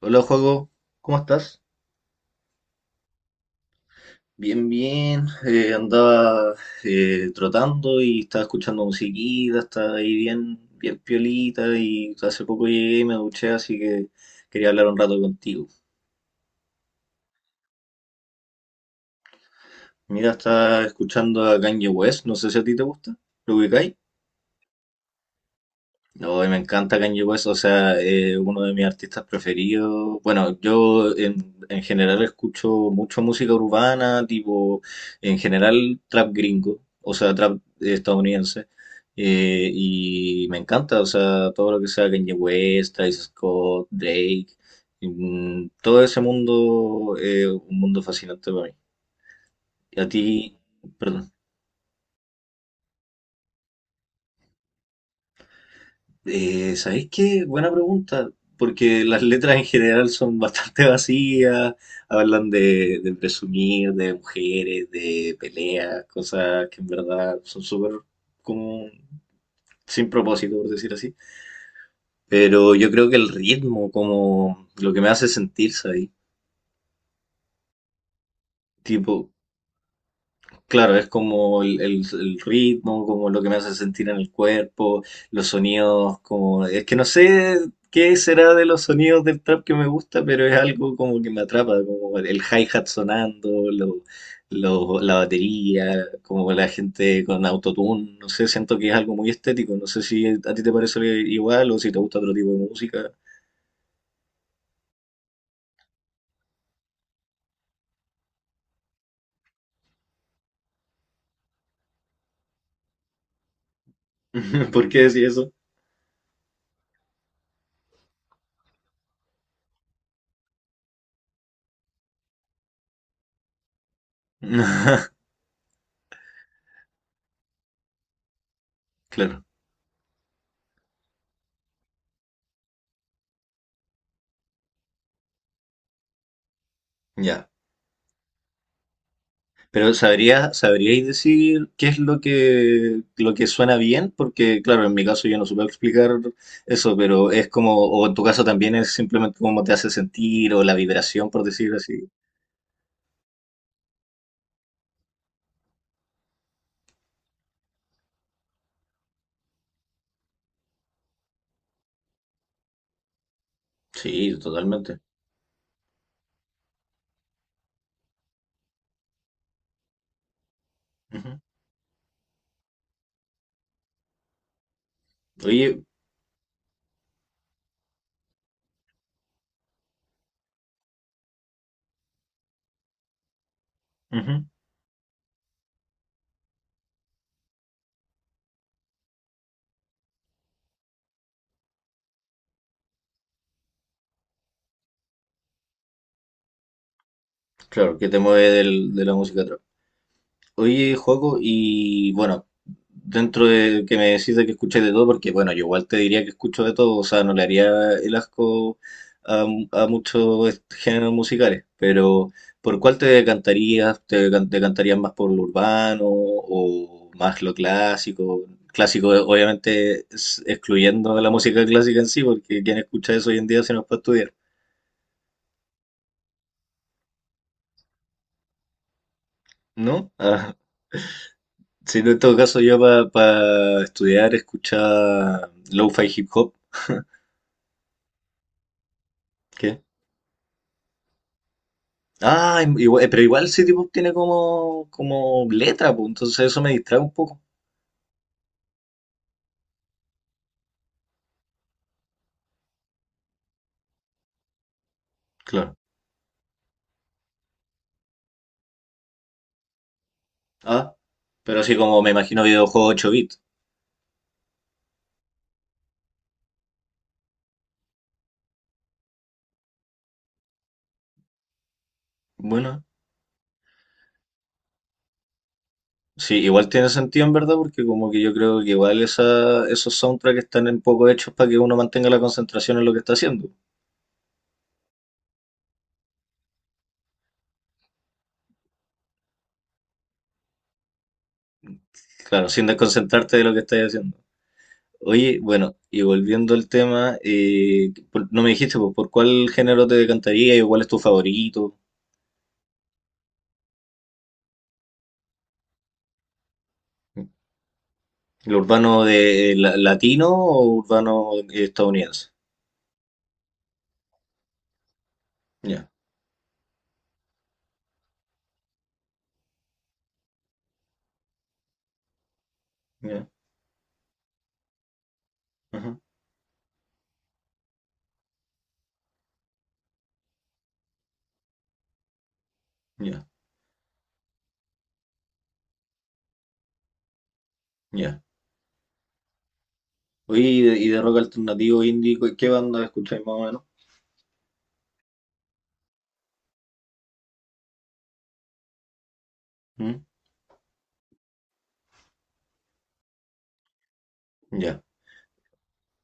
Hola, Juego, ¿cómo estás? Bien, bien. Andaba trotando y estaba escuchando musiquita, estaba ahí bien, bien piolita y hace poco llegué y me duché, así que quería hablar un rato contigo. Mira, estaba escuchando a Kanye West, no sé si a ti te gusta, ¿lo ubicáis? No, y me encanta Kanye West, o sea, uno de mis artistas preferidos. Bueno, yo en general escucho mucho música urbana, tipo, en general trap gringo, o sea, trap estadounidense. Y me encanta, o sea, todo lo que sea Kanye West, Travis Scott, Drake, todo ese mundo, un mundo fascinante para mí. Y a ti, perdón. ¿Sabéis qué? Buena pregunta, porque las letras en general son bastante vacías, hablan de presumir, de mujeres, de peleas, cosas que en verdad son súper como sin propósito, por decir así. Pero yo creo que el ritmo, como lo que me hace sentirse ahí, tipo, claro, es como el ritmo, como lo que me hace sentir en el cuerpo, los sonidos, como Es que no sé qué será de los sonidos del trap que me gusta, pero es algo como que me atrapa, como el hi-hat sonando, la batería, como la gente con autotune, no sé, siento que es algo muy estético, no sé si a ti te parece igual o si te gusta otro tipo de música. ¿Por qué decir eso? Claro, ya. Pero sabríais decir qué es lo que suena bien, porque claro, en mi caso yo no supe explicar eso, pero es como, o en tu caso también es simplemente cómo te hace sentir o la vibración, por decirlo así. Sí, totalmente. Ujú. Oye, ujú, claro, que te mueve del- de la música. Oye, Joaco, y bueno, dentro de que me decís de que escucháis de todo, porque bueno, yo igual te diría que escucho de todo, o sea, no le haría el asco a, a muchos est- géneros musicales, pero ¿por cuál te decantarías? ¿Te, te decantarías más por lo urbano o más lo clásico? Clásico, obviamente, es- excluyendo la música clásica en sí, porque quien escucha eso hoy en día se nos para estudiar, ¿no? Ah, sí, en todo caso yo para estudiar escuchaba lo-fi hip hop. ¿Qué? Ah, pero igual City Pop tiene como, como letra, pues, entonces eso me distrae un poco. Claro. Ah, pero así como me imagino videojuego 8 bits. Bueno, sí, igual tiene sentido en verdad, porque como que yo creo que igual esa, esos soundtracks están un poco hechos para que uno mantenga la concentración en lo que está haciendo. Claro, sin desconcentrarte de lo que estás haciendo. Oye, bueno, y volviendo al tema, no me dijiste, pues, ¿por cuál género te decantaría y cuál es tu favorito? ¿El urbano de latino o urbano estadounidense? Ya, ya, ajá, ya, ya. Oye, y de rock alternativo indie, ¿qué banda escucháis más o menos? ¿Mm? Ya,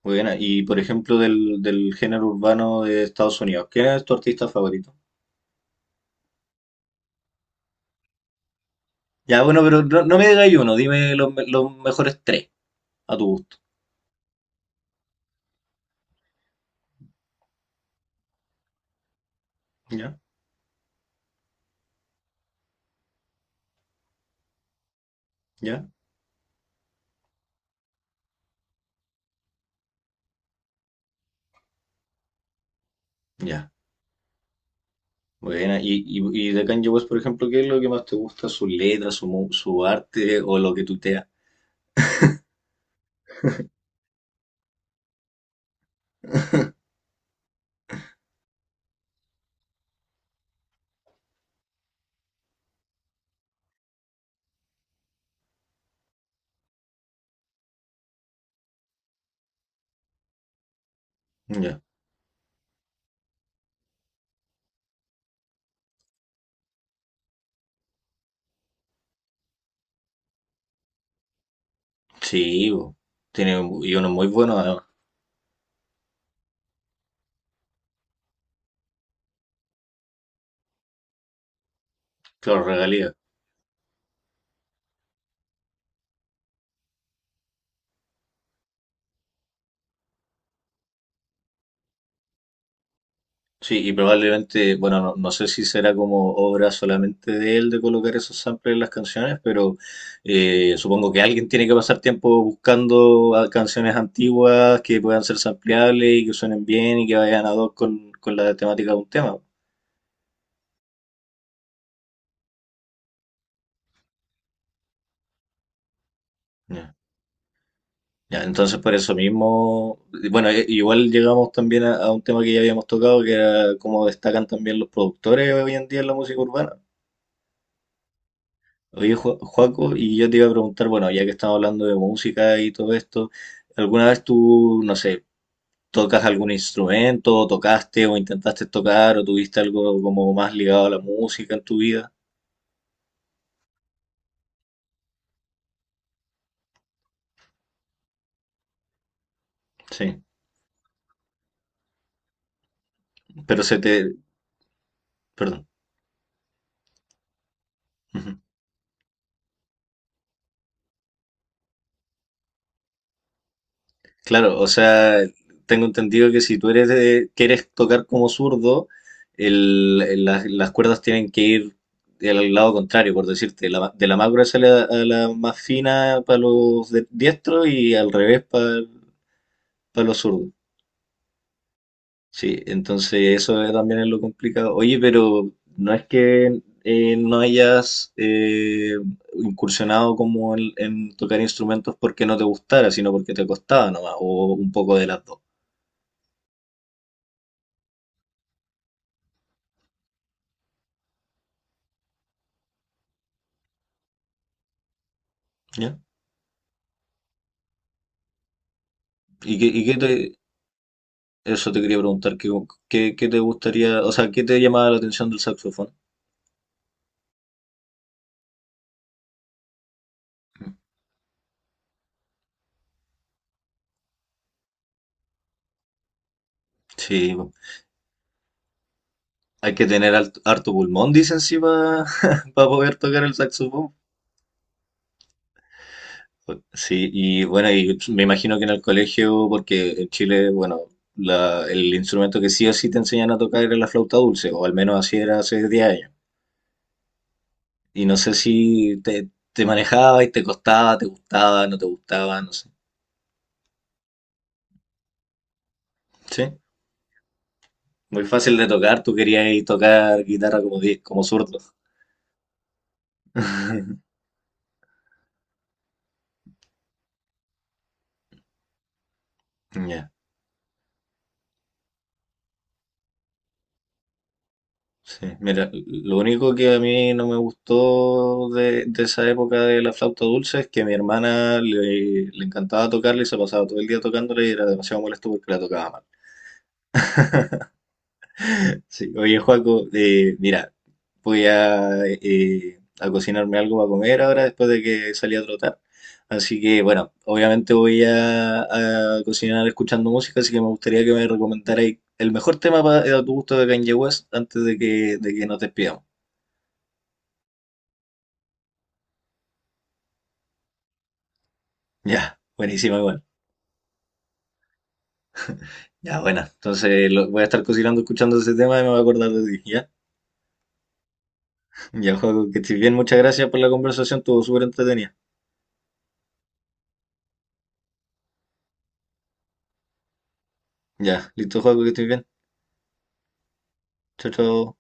buena. Y por ejemplo, del género urbano de Estados Unidos, ¿quién es tu artista favorito? Ya, bueno, pero no, no me digas uno, dime los mejores tres a tu gusto. Ya, ya, ya. Buena. Y de Kanye West, por ejemplo, ¿qué es lo que más te gusta? ¿Su letra, su arte o lo que tutea? Ya. Sí, bo, tiene un- y uno muy bueno además, claro, regalía. Sí, y probablemente, bueno, no, no sé si será como obra solamente de él de colocar esos samples en las canciones, pero supongo que alguien tiene que pasar tiempo buscando a- canciones antiguas que puedan ser sampleables y que suenen bien y que vayan ad hoc con la temática de un tema. Ya. Ya, entonces por eso mismo, bueno, igual llegamos también a un tema que ya habíamos tocado, que era cómo destacan también los productores hoy en día en la música urbana. Oye, Joaco, y yo te iba a preguntar, bueno, ya que estamos hablando de música y todo esto, ¿alguna vez tú, no sé, tocas algún instrumento, o tocaste o intentaste tocar o tuviste algo como más ligado a la música en tu vida? Sí, pero se te Perdón. Claro, o sea, tengo entendido que si tú eres quieres tocar como zurdo, las cuerdas tienen que ir al lado contrario, por decirte, de la más gruesa a la más fina para los de- diestros y al revés para los zurdos. Sí, entonces eso es- también es lo complicado. Oye, pero no es que no hayas incursionado como en tocar instrumentos porque no te gustara, sino porque te costaba nomás, o un poco de las dos. ¿Ya? ¿Y qué, eso te quería preguntar, ¿qué, qué te gustaría, o sea, qué te llamaba la atención del saxofón? Sí, po, hay que tener harto pulmón, dicen, sí, para poder tocar el saxofón. Sí, y bueno, y me imagino que en el colegio, porque en Chile, bueno, el instrumento que sí o sí te enseñan a tocar era la flauta dulce, o al menos así era hace 10 años. Y no sé si te, te manejaba y te costaba, te gustaba, no sé. Sí. Muy fácil de tocar, tú querías tocar guitarra como, di- como zurdo. Ya, sí. Mira, lo único que a mí no me gustó de esa época de la flauta dulce es que a mi hermana le encantaba tocarla y se pasaba todo el día tocándola y era demasiado molesto porque la tocaba mal. Sí. Oye, Joaco, mira, voy a cocinarme algo para comer ahora después de que salí a trotar. Así que, bueno, obviamente voy a cocinar escuchando música, así que me gustaría que me recomendarais el mejor tema para, a tu gusto de Kanye West antes de que nos despidamos. Ya, buenísima igual. Ya, bueno, entonces lo- voy a estar cocinando escuchando ese tema y me voy a acordar de ti, ¿ya? Ya, Joaco, que estés bien, muchas gracias por la conversación, estuvo súper entretenida. Ya, listo, Joaco, que estés bien. Chao, chao.